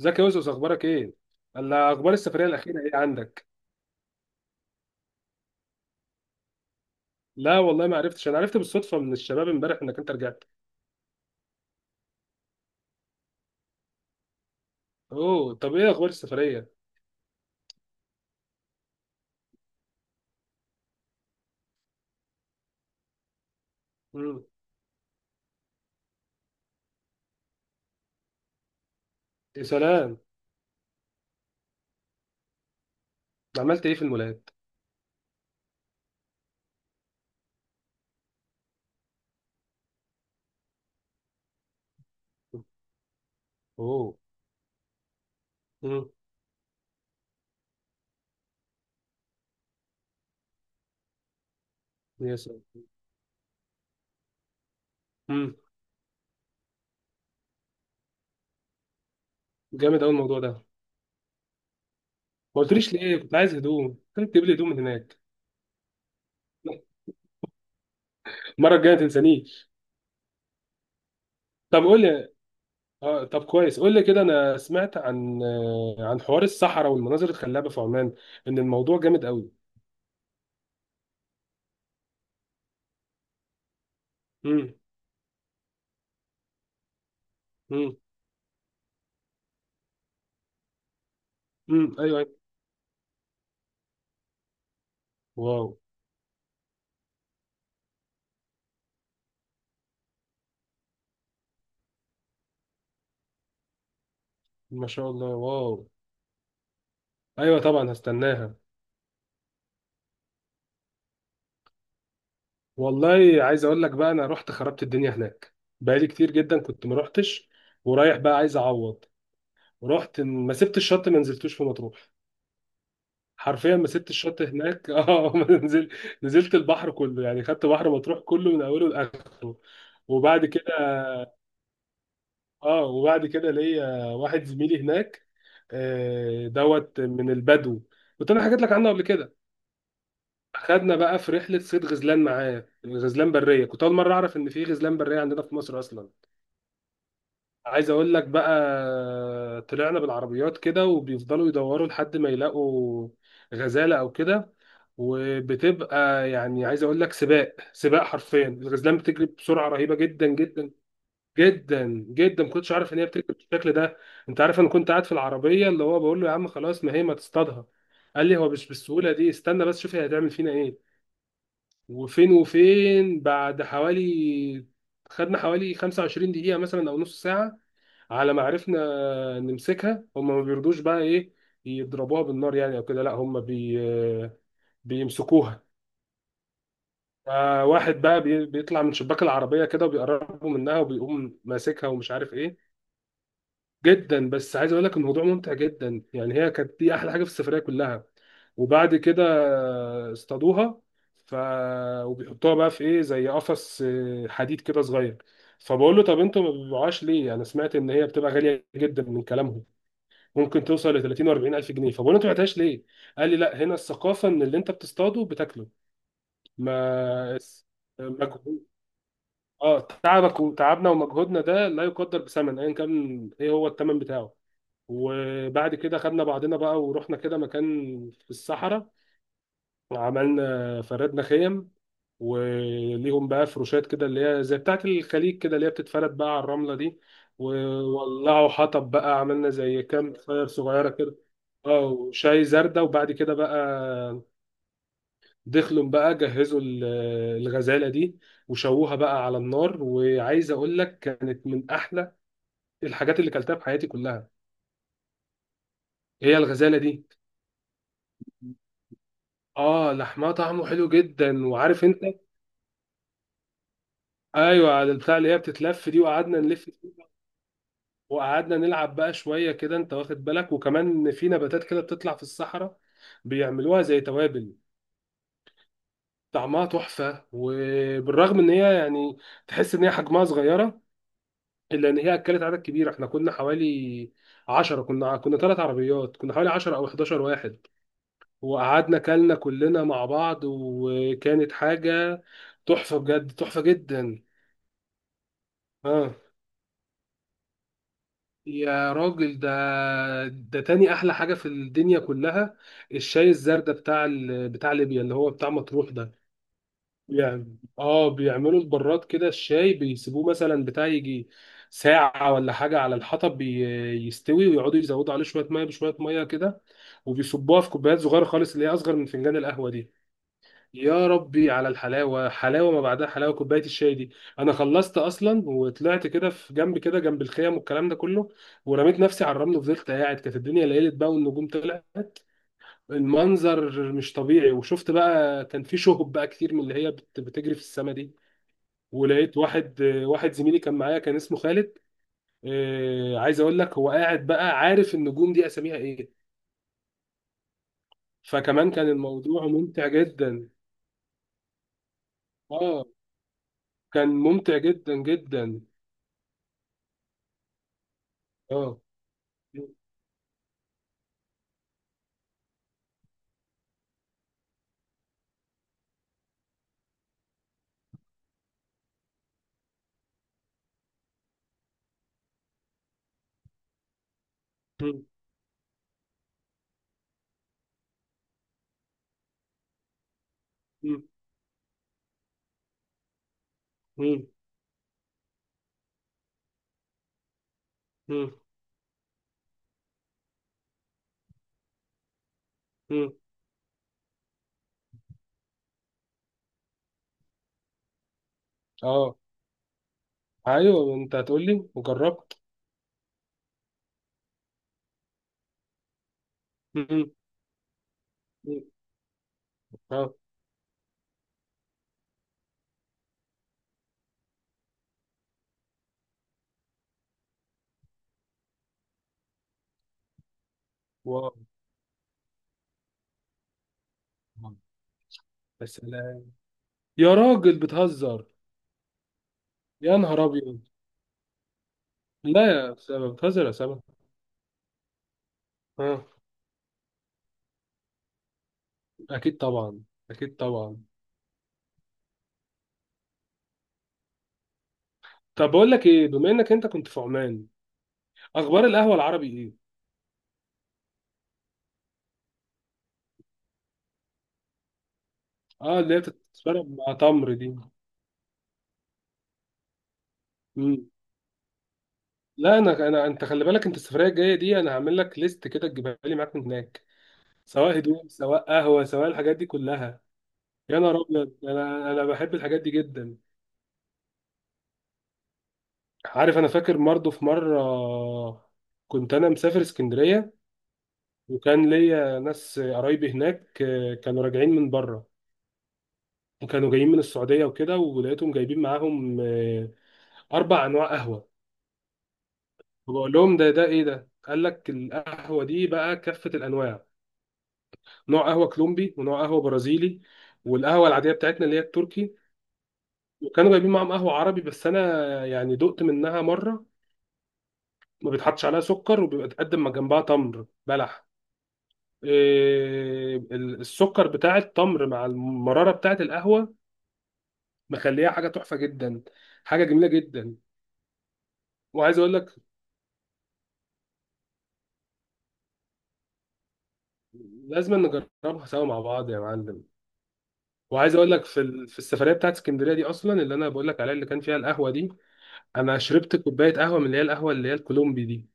ازيك يا يوسف، اخبارك ايه؟ الا، اخبار السفريه الاخيره ايه عندك؟ لا والله ما عرفتش، انا عرفت بالصدفه من الشباب امبارح انك انت رجعت. اوه، طب ايه اخبار السفريه؟ امم. يا سلام. عملت ايه في المولات؟ اوه. امم. يا سلام. امم. جامد قوي الموضوع ده. ما قلتليش ليه؟ كنت عايز هدوم كنت تجيب لي هدوم من هناك. المره الجايه ما تنسانيش. طب قول لي. اه طب كويس، قول لي كده، انا سمعت عن عن حوار الصحراء والمناظر الخلابه في عمان. ان الموضوع جامد قوي. امم. امم. امم. ايوه ايوه. واو. ما شاء الله، واو. ايوه طبعا هستناها. والله عايز اقول لك بقى، انا رحت خربت الدنيا هناك. بقالي كتير جدا كنت ما رحتش. ورايح بقى عايز اعوض. رحت، ما سبت الشط، ما نزلتوش في مطروح. حرفيا ما سبت الشط هناك، اه ما نزل. نزلت البحر كله، يعني خدت بحر مطروح كله من اوله لاخره. وبعد كده. اه، وبعد كده ليا واحد زميلي هناك. دوت من البدو. كنت انا حكيت لك عنه قبل كده. خدنا بقى في رحله صيد غزلان معاه. غزلان بريه، كنت اول مره اعرف ان في غزلان بريه عندنا في مصر اصلا. عايز اقول لك بقى، طلعنا بالعربيات كده وبيفضلوا يدوروا لحد ما يلاقوا غزاله او كده. وبتبقى يعني، عايز اقول لك، سباق سباق، حرفيا الغزلان بتجري بسرعه رهيبه جدا جدا. جدا جدا ما كنتش عارف ان هي بتجري بالشكل ده. انت عارف انا كنت قاعد في العربيه، اللي هو بقول له يا عم خلاص ما هي ما تصطادها. قال لي هو مش بالسهوله دي، استنى بس شوف هي هتعمل فينا ايه. وفين بعد حوالي، خدنا حوالي 25 دقيقة مثلا أو نص ساعة على ما عرفنا نمسكها. هم ما بيرضوش بقى إيه، يضربوها بالنار يعني أو كده؟ لا، هم بيمسكوها. واحد بقى بيطلع من شباك العربية كده، وبيقربوا منها وبيقوم ماسكها ومش عارف إيه. جدا، بس عايز اقول لك الموضوع ممتع جدا، يعني هي كانت دي احلى حاجه في السفريه كلها. وبعد كده اصطادوها. ف وبيحطوها بقى في ايه، زي قفص حديد كده صغير. فبقول له طب انتوا ما بتبيعوهاش ليه؟ انا سمعت ان هي بتبقى غاليه جدا من كلامهم، ممكن توصل ل 30 و40 الف جنيه. فبقول له انتوا ما بعتهاش ليه؟ قال لي لا، هنا الثقافه ان اللي انت بتصطاده بتاكله. ما اس- مجهود. اه، تعبك وتعبنا ومجهودنا ده لا يقدر بثمن، ايا كان ايه هو الثمن بتاعه. وبعد كده خدنا بعضنا بقى ورحنا كده مكان في الصحراء. عملنا، فردنا خيم، وليهم بقى فروشات كده اللي هي زي بتاعة الخليج كده، اللي هي بتتفرد بقى على الرملة دي. وولعوا حطب بقى، عملنا زي كامب فاير صغيرة كده. اه وشاي زردة. وبعد كده بقى دخلوا بقى جهزوا الغزالة دي، وشووها بقى على النار. وعايز اقول لك كانت من احلى الحاجات اللي كلتها في حياتي كلها. هي الغزالة دي. اه، لحمها طعمه حلو جدا. وعارف انت، ايوه على البتاع اللي هي بتتلف دي، وقعدنا نلف فيه، وقعدنا نلعب بقى شويه كده. انت واخد بالك، وكمان في نباتات كده بتطلع في الصحراء بيعملوها زي توابل. طعمها تحفه. وبالرغم ان هي يعني تحس ان هي حجمها صغيره، الا ان هي اكلت عدد كبير. احنا كنا حوالي 10، كنا ثلاث عربيات، كنا حوالي 10 او 11 واحد، وقعدنا كلنا مع بعض، وكانت حاجه تحفه، بجد تحفه جدا. اه، يا راجل ده، ده تاني احلى حاجه في الدنيا كلها. الشاي الزردة بتاع بتاع ليبيا اللي هو بتاع مطروح ده. يعني اه، بيعملوا البراد كده، الشاي بيسيبوه مثلا بتاع يجي ساعه ولا حاجه على الحطب، يستوي، ويقعدوا يزودوا عليه شويه ميه بشويه ميه كده، وبيصبوها في كوبايات صغيره خالص اللي هي اصغر من فنجان القهوه دي. يا ربي على الحلاوه، حلاوه ما بعدها حلاوه كوبايه الشاي دي. انا خلصت اصلا وطلعت كده في جنب كده، جنب الخيم والكلام ده كله. ورميت نفسي على الرمل وفضلت قاعد، كانت الدنيا ليلت بقى والنجوم طلعت. المنظر مش طبيعي. وشفت بقى كان في شهب بقى كتير من اللي هي بتجري في السما دي. ولقيت واحد زميلي كان معايا كان اسمه خالد. عايز اقول لك هو قاعد بقى عارف النجوم دي اساميها ايه، فكمان كان الموضوع ممتع جدا. اه، كان ممتع جدا جدا. اه. مم. مم. مم. مم. مم. اه، ايوه انت هتقول لي وجربت. مم. مم. اه، واو. بس لا، يا راجل بتهزر. يا نهار ابيض. لا يا سما، بتهزر يا سما. اه، اكيد طبعا، اكيد طبعا. طب بقول لك ايه، بما انك انت كنت في عمان، اخبار القهوه العربي ايه؟ اه، اللي هي بتتشرب مع تمر دي. مم. لا، انا انت خلي بالك، انت السفريه الجايه دي انا هعمل لك ليست كده تجيبها لي معاك من هناك، سواء هدوم، سواء قهوه، سواء الحاجات دي كلها. يا نهار ابيض، انا بحب الحاجات دي جدا. عارف، انا فاكر برضه في مره كنت انا مسافر اسكندريه، وكان ليا ناس قرايبي هناك كانوا راجعين من بره، وكانوا جايين من السعوديه وكده. ولقيتهم جايبين معاهم اربع انواع قهوه. فبقول لهم ده ايه ده؟ قال لك القهوه دي بقى كافه الانواع، نوع قهوه كولومبي ونوع قهوه برازيلي، والقهوه العاديه بتاعتنا اللي هي التركي. وكانوا جايبين معاهم قهوه عربي. بس انا يعني دقت منها مره، ما بيتحطش عليها سكر وبيبقى تقدم مع جنبها تمر بلح. السكر بتاع التمر مع المرارة بتاعت القهوة مخليها حاجة تحفة جدا، حاجة جميلة جدا. وعايز اقول لك لازم نجربها سوا مع بعض يا معلم. وعايز اقول لك في السفريه بتاعت اسكندريه دي اصلا، اللي انا بقول لك عليها، اللي كان فيها القهوه دي، انا شربت كوبايه قهوه من اللي هي القهوه اللي هي الكولومبي دي.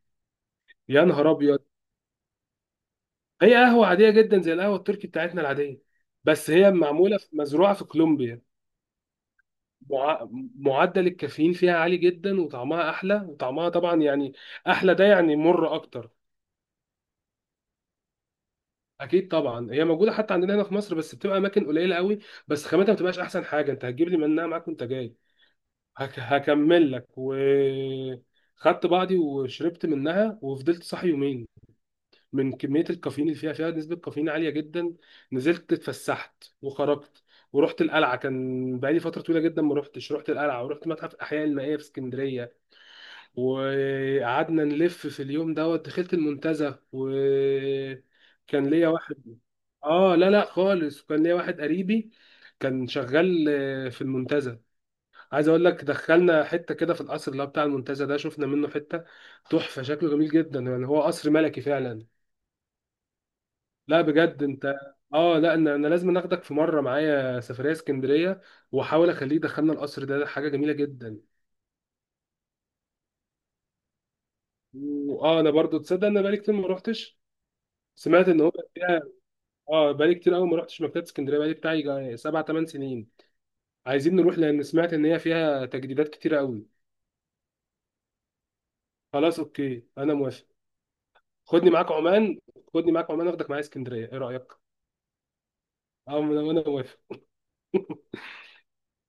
يا نهار ابيض. هي قهوه عاديه جدا زي القهوه التركي بتاعتنا العاديه، بس هي معموله مزروعه في كولومبيا. مع... معدل الكافيين فيها عالي جدا، وطعمها احلى، وطعمها طبعا يعني احلى، ده يعني مر اكتر. اكيد طبعا، هي موجوده حتى عندنا هنا في مصر بس بتبقى اماكن قليله قوي، بس خامتها ما بتبقاش احسن حاجه. انت هتجيب لي منها معاك وانت جاي. هكمل لك خدت بعضي وشربت منها، وفضلت صاحي يومين من كميه الكافيين اللي فيها، فيها نسبه كافيين عاليه جدا. نزلت اتفسحت وخرجت، ورحت القلعه. كان بقالي فتره طويله جدا ما رحتش، رحت القلعه ورحت متحف الاحياء المائيه في اسكندريه. وقعدنا نلف في اليوم دوت، دخلت المنتزه وكان ليا واحد. اه، لا لا خالص، كان ليا واحد قريبي كان شغال في المنتزه. عايز اقول لك دخلنا حته كده في القصر اللي هو بتاع المنتزه ده، شفنا منه حته تحفه، شكله جميل جدا، يعني هو قصر ملكي فعلا. لا بجد انت، اه لا، انا لازم اخدك في مره معايا سفريه اسكندريه، واحاول اخليه يدخلنا القصر ده. ده حاجه جميله جدا. واه، انا برضو تصدق انا بقالي كتير ما روحتش. سمعت ان هو فيها، اه بقالي كتير قوي ما رحتش مكتبه اسكندريه، بقالي بتاعي سبع ثمان سنين. عايزين نروح لان سمعت ان هي فيها تجديدات كتير قوي. خلاص اوكي انا موافق. خدني معاك عمان، خدني معاك عمان اخدك معايا اسكندريه، ايه رايك؟ اه، أنا موافق.